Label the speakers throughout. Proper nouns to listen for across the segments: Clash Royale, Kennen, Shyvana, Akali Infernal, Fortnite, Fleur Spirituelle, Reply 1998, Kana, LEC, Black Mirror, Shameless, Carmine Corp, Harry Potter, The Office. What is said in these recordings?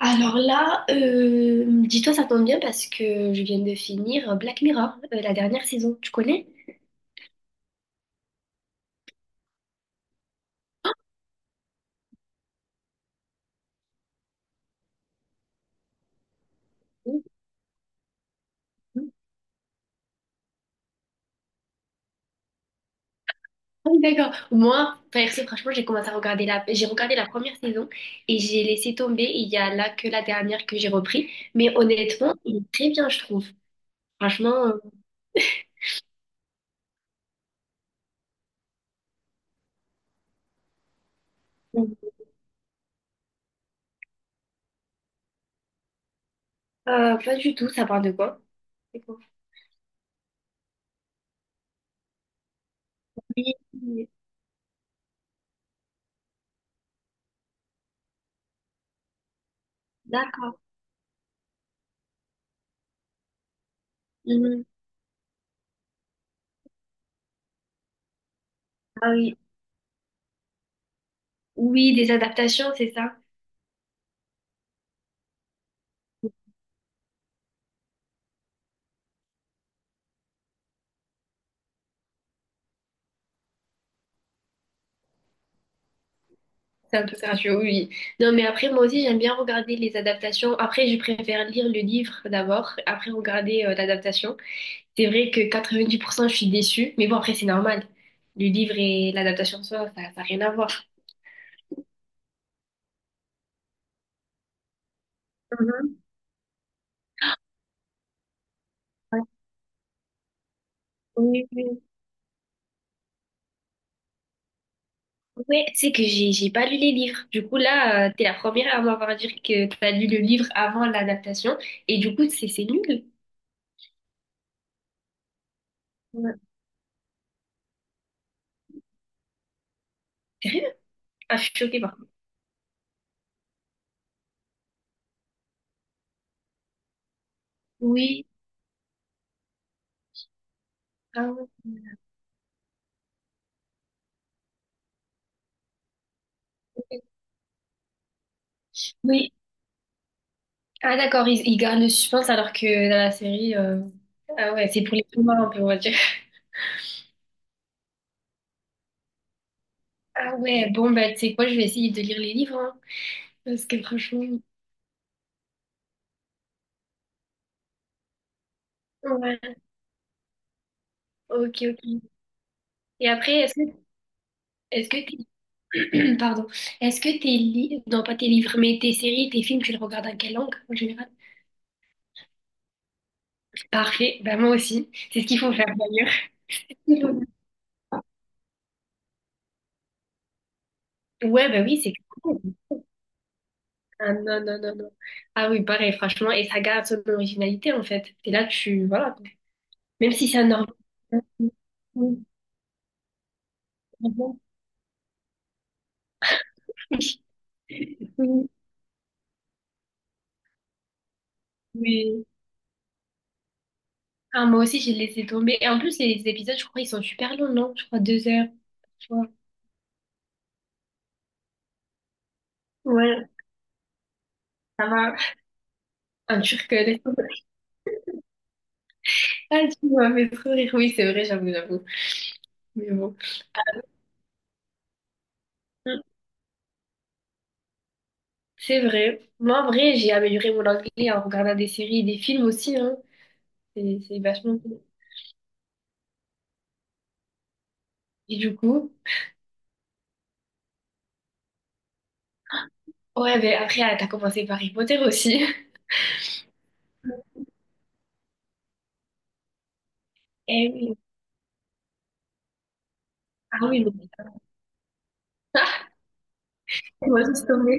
Speaker 1: Alors là, dis-toi, ça tombe bien parce que je viens de finir Black Mirror, la dernière saison. Tu connais? Oui, oui. Ah oui, d'accord. Moi, perso, franchement, j'ai commencé à regarder la... J'ai regardé la première saison et j'ai laissé tomber. Il y a là que la dernière que j'ai repris. Mais honnêtement, il est très bien, je trouve. Franchement, euh, pas du tout. Ça parle de quoi? C'est quoi? Oui, oui, d'accord. Mhm. Ah oui. Oui, des adaptations, c'est ça? C'est un peu courageux, oui. Oui. Non, mais après, moi aussi, j'aime bien regarder les adaptations. Après, je préfère lire le livre d'abord, après regarder l'adaptation. C'est vrai que 90% je suis déçue, mais bon, après, c'est normal. Le livre et l'adaptation, ça n'a rien à voir. Mhm. Ouais. Oui, oui. Ouais, tu sais que j'ai pas lu les livres. Du coup, là, t'es la première à m'avoir dit que t'as lu le livre avant l'adaptation, et du coup, c'est nul. Ouais. Sérieux? Ah, je suis choquée, par contre. Oui. Ah ouais. Oui. Ah d'accord, ils gardent le suspense alors que dans la série, ah ouais, c'est pour les plus morts un peu, on va dire. Ah ouais, bon bah tu sais quoi, je vais essayer de lire les livres, hein, parce que franchement, ouais, ok, ok. Et après, est-ce que, est-ce que t'es, pardon, est-ce que tes livres, non pas tes livres, mais tes séries, tes films, tu les regardes en quelle langue en général? Parfait, bah moi aussi, c'est ce qu'il faut faire d'ailleurs. Il faut- Ouais, bah oui, c'est cool. Ah non, non, non, non. Ah oui, pareil, franchement, et ça garde son originalité en fait. Et là, voilà. Même si c'est un organe. Oui. Ah, moi aussi, j'ai laissé tomber. Et en plus, les épisodes, je crois, ils sont super longs, non? Je crois deux heures, tu vois. Ouais, ça va. Un turc, laisse tomber. Ah, tu m'as fait trop rire. Oui, c'est vrai, j'avoue, j'avoue. Mais bon. Mm. C'est vrai. Moi, en vrai, j'ai amélioré mon anglais en regardant des séries et des films aussi, hein. C'est vachement bien. Et du coup, ouais, mais après, ah, t'as commencé par Harry Potter aussi. Eh oui. Ah oui, mais moi, laisse tomber.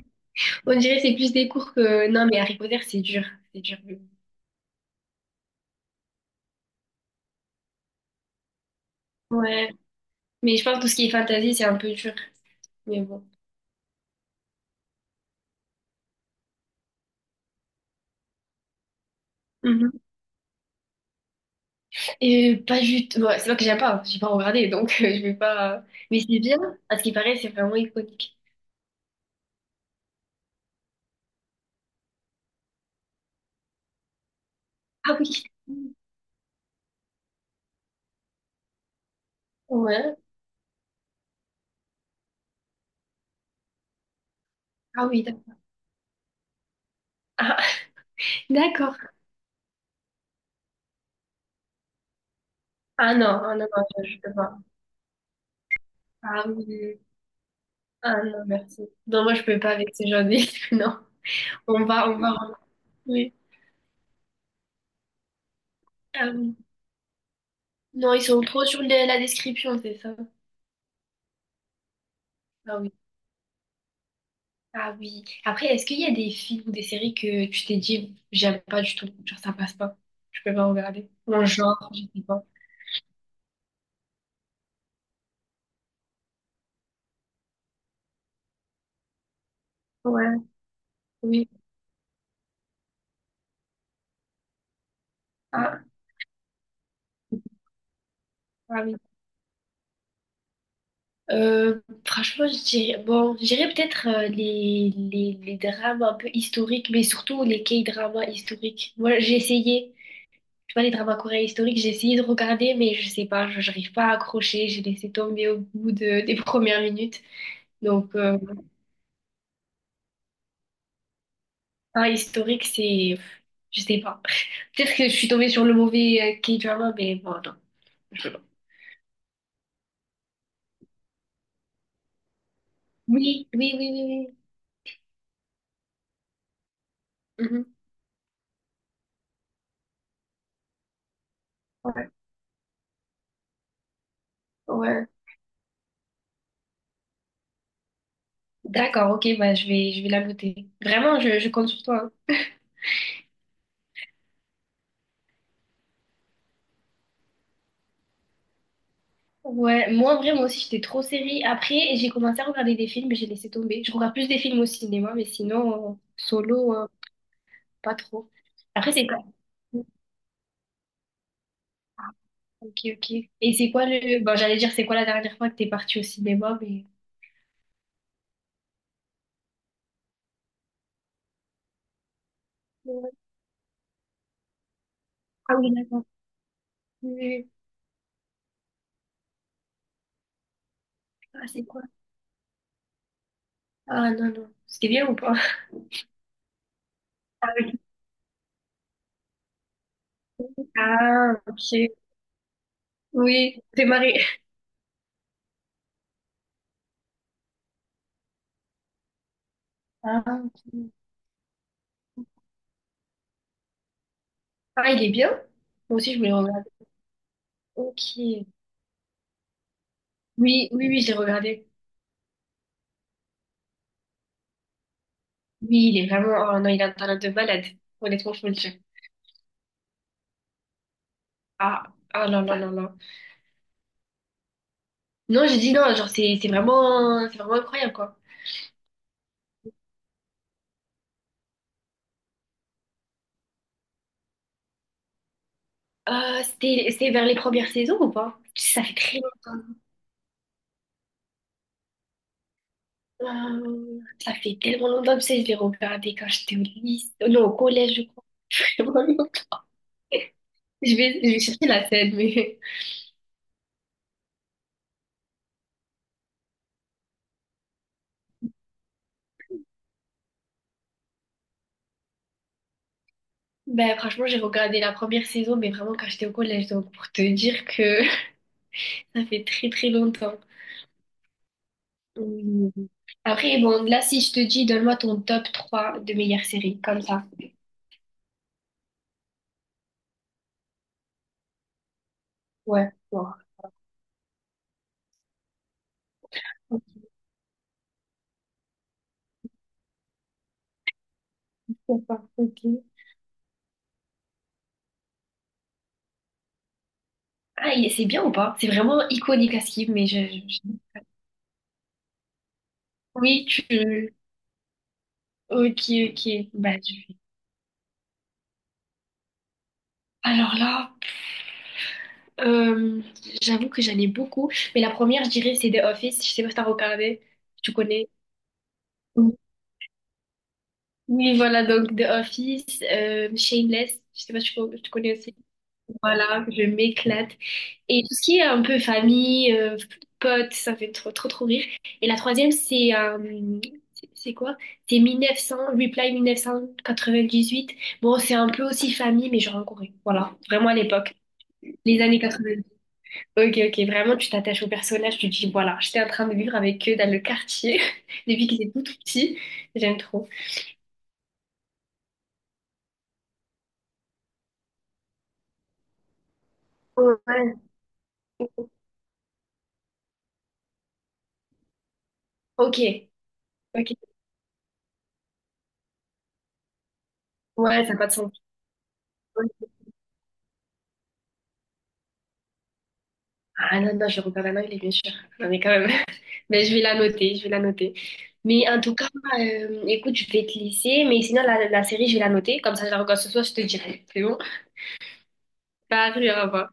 Speaker 1: On dirait que c'est plus des cours que... Non, mais Harry Potter, c'est dur. C'est dur. Ouais. Mais je pense que tout ce qui est fantasy, c'est un peu dur. Mais bon. Mhm. Et pas du tout... ouais, c'est pas que j'aime pas. Hein. J'ai pas regardé, donc je vais pas... Mais c'est bien. À ce qui paraît, c'est vraiment iconique. Ah oui. Ouais. Ah oui, d'accord. Ah, d'accord. Ah non, ah non, non, je peux pas. Ah oui. Ah non, merci. Non, moi, je peux pas avec ces gens. Non. On va, on va. Oui. Ah oui. Non, ils sont trop sur la description, c'est ça. Ah oui. Ah oui. Après, est-ce qu'il y a des films ou des séries que tu t'es dit, j'aime pas du tout, genre ça passe pas, je peux pas regarder. Ou un genre, je sais pas. Ouais, oui. Ah, ah oui. Franchement, je dirais, bon, je dirais peut-être les drames un peu historiques, mais surtout les K-dramas historiques. Moi, j'ai essayé, tu vois, les dramas coréens historiques, j'ai essayé de regarder, mais je sais pas, je n'arrive pas à accrocher, j'ai laissé tomber au bout de, des premières minutes. Donc, ah, historique, c'est... Je sais pas. Peut-être que je suis tombée sur le mauvais K-drama, mais bon, non. Je sais pas. Oui, oui, oui, oui, oui. Mhm. Ouais, ouais. D'accord, ok, bah, je vais la noter. Vraiment, je compte sur toi. Hein. Ouais, moi, en vrai, moi aussi, j'étais trop série. Après, j'ai commencé à regarder des films, mais j'ai laissé tomber. Je regarde plus des films au cinéma, mais sinon, solo, pas trop. Après, c'est quoi? Ah, ok, ok. Et c'est quoi le... Bon, j'allais dire, c'est quoi la dernière fois que t'es partie au cinéma, mais... Ouais. Ah oui, d'accord. Oui, oui. Ah, c'est quoi? Ah, non, non. C'était bien ou pas? Ah, ok. Ah, ok. Oui, c'est marré. Ah, ok. Ah, il est bien? Moi aussi, je voulais regarder. Ok. Oui, oui, oui, j'ai regardé. Oui, il est vraiment... Oh non, il a un talent de malade. Honnêtement, je peux le dire. Ah, ah non, non, non, non. Non, j'ai dit non, genre, c'est vraiment... C'est vraiment incroyable, quoi. C'était vers les premières saisons ou pas? Ça fait très longtemps. Ça fait tellement longtemps que je l'ai regardé quand j'étais au lycée. Non, au collège, je crois. Vraiment. Je vais chercher la scène, mais ben, franchement, j'ai regardé la première saison, mais vraiment quand j'étais au collège, donc pour te dire que ça fait très très longtemps. Mm. Après, bon, là, si je te dis, donne-moi ton top 3 de meilleures séries, comme ça. Ouais, bon. Pourquoi pas, ok. Ah, c'est bien ou pas? C'est vraiment iconique à skip, mais oui, tu... Ok, ok. Bah, je alors là, euh, j'avoue que j'en ai beaucoup, mais la première, je dirais, c'est The Office. Je sais pas si t'as regardé, tu connais. Oui, voilà, donc The Office, Shameless, je sais pas si tu connais aussi. Voilà, je m'éclate. Et tout ce qui est un peu famille, potes, ça fait trop, trop, trop rire. Et la troisième, c'est c'est quoi? C'est 1900, Reply 1998. Bon, c'est un peu aussi famille, mais genre en Corée. Voilà, vraiment à l'époque, les années 90. Ok, ok, vraiment, tu t'attaches aux personnages, tu te dis, voilà, j'étais en train de vivre avec eux dans le quartier depuis qu'ils étaient tout, tout petits. J'aime trop. Ouais. Ok. Ok. Ouais, ça n'a pas de sens. Ah non, non, je regarde un il est bien sûr. Non, mais quand même. Mais je vais la noter, je vais la noter. Mais en tout cas, écoute, je vais te laisser. Mais sinon, la série, je vais la noter. Comme ça, je la regarde ce soir, je te dirai. C'est bon? Salut, au revoir.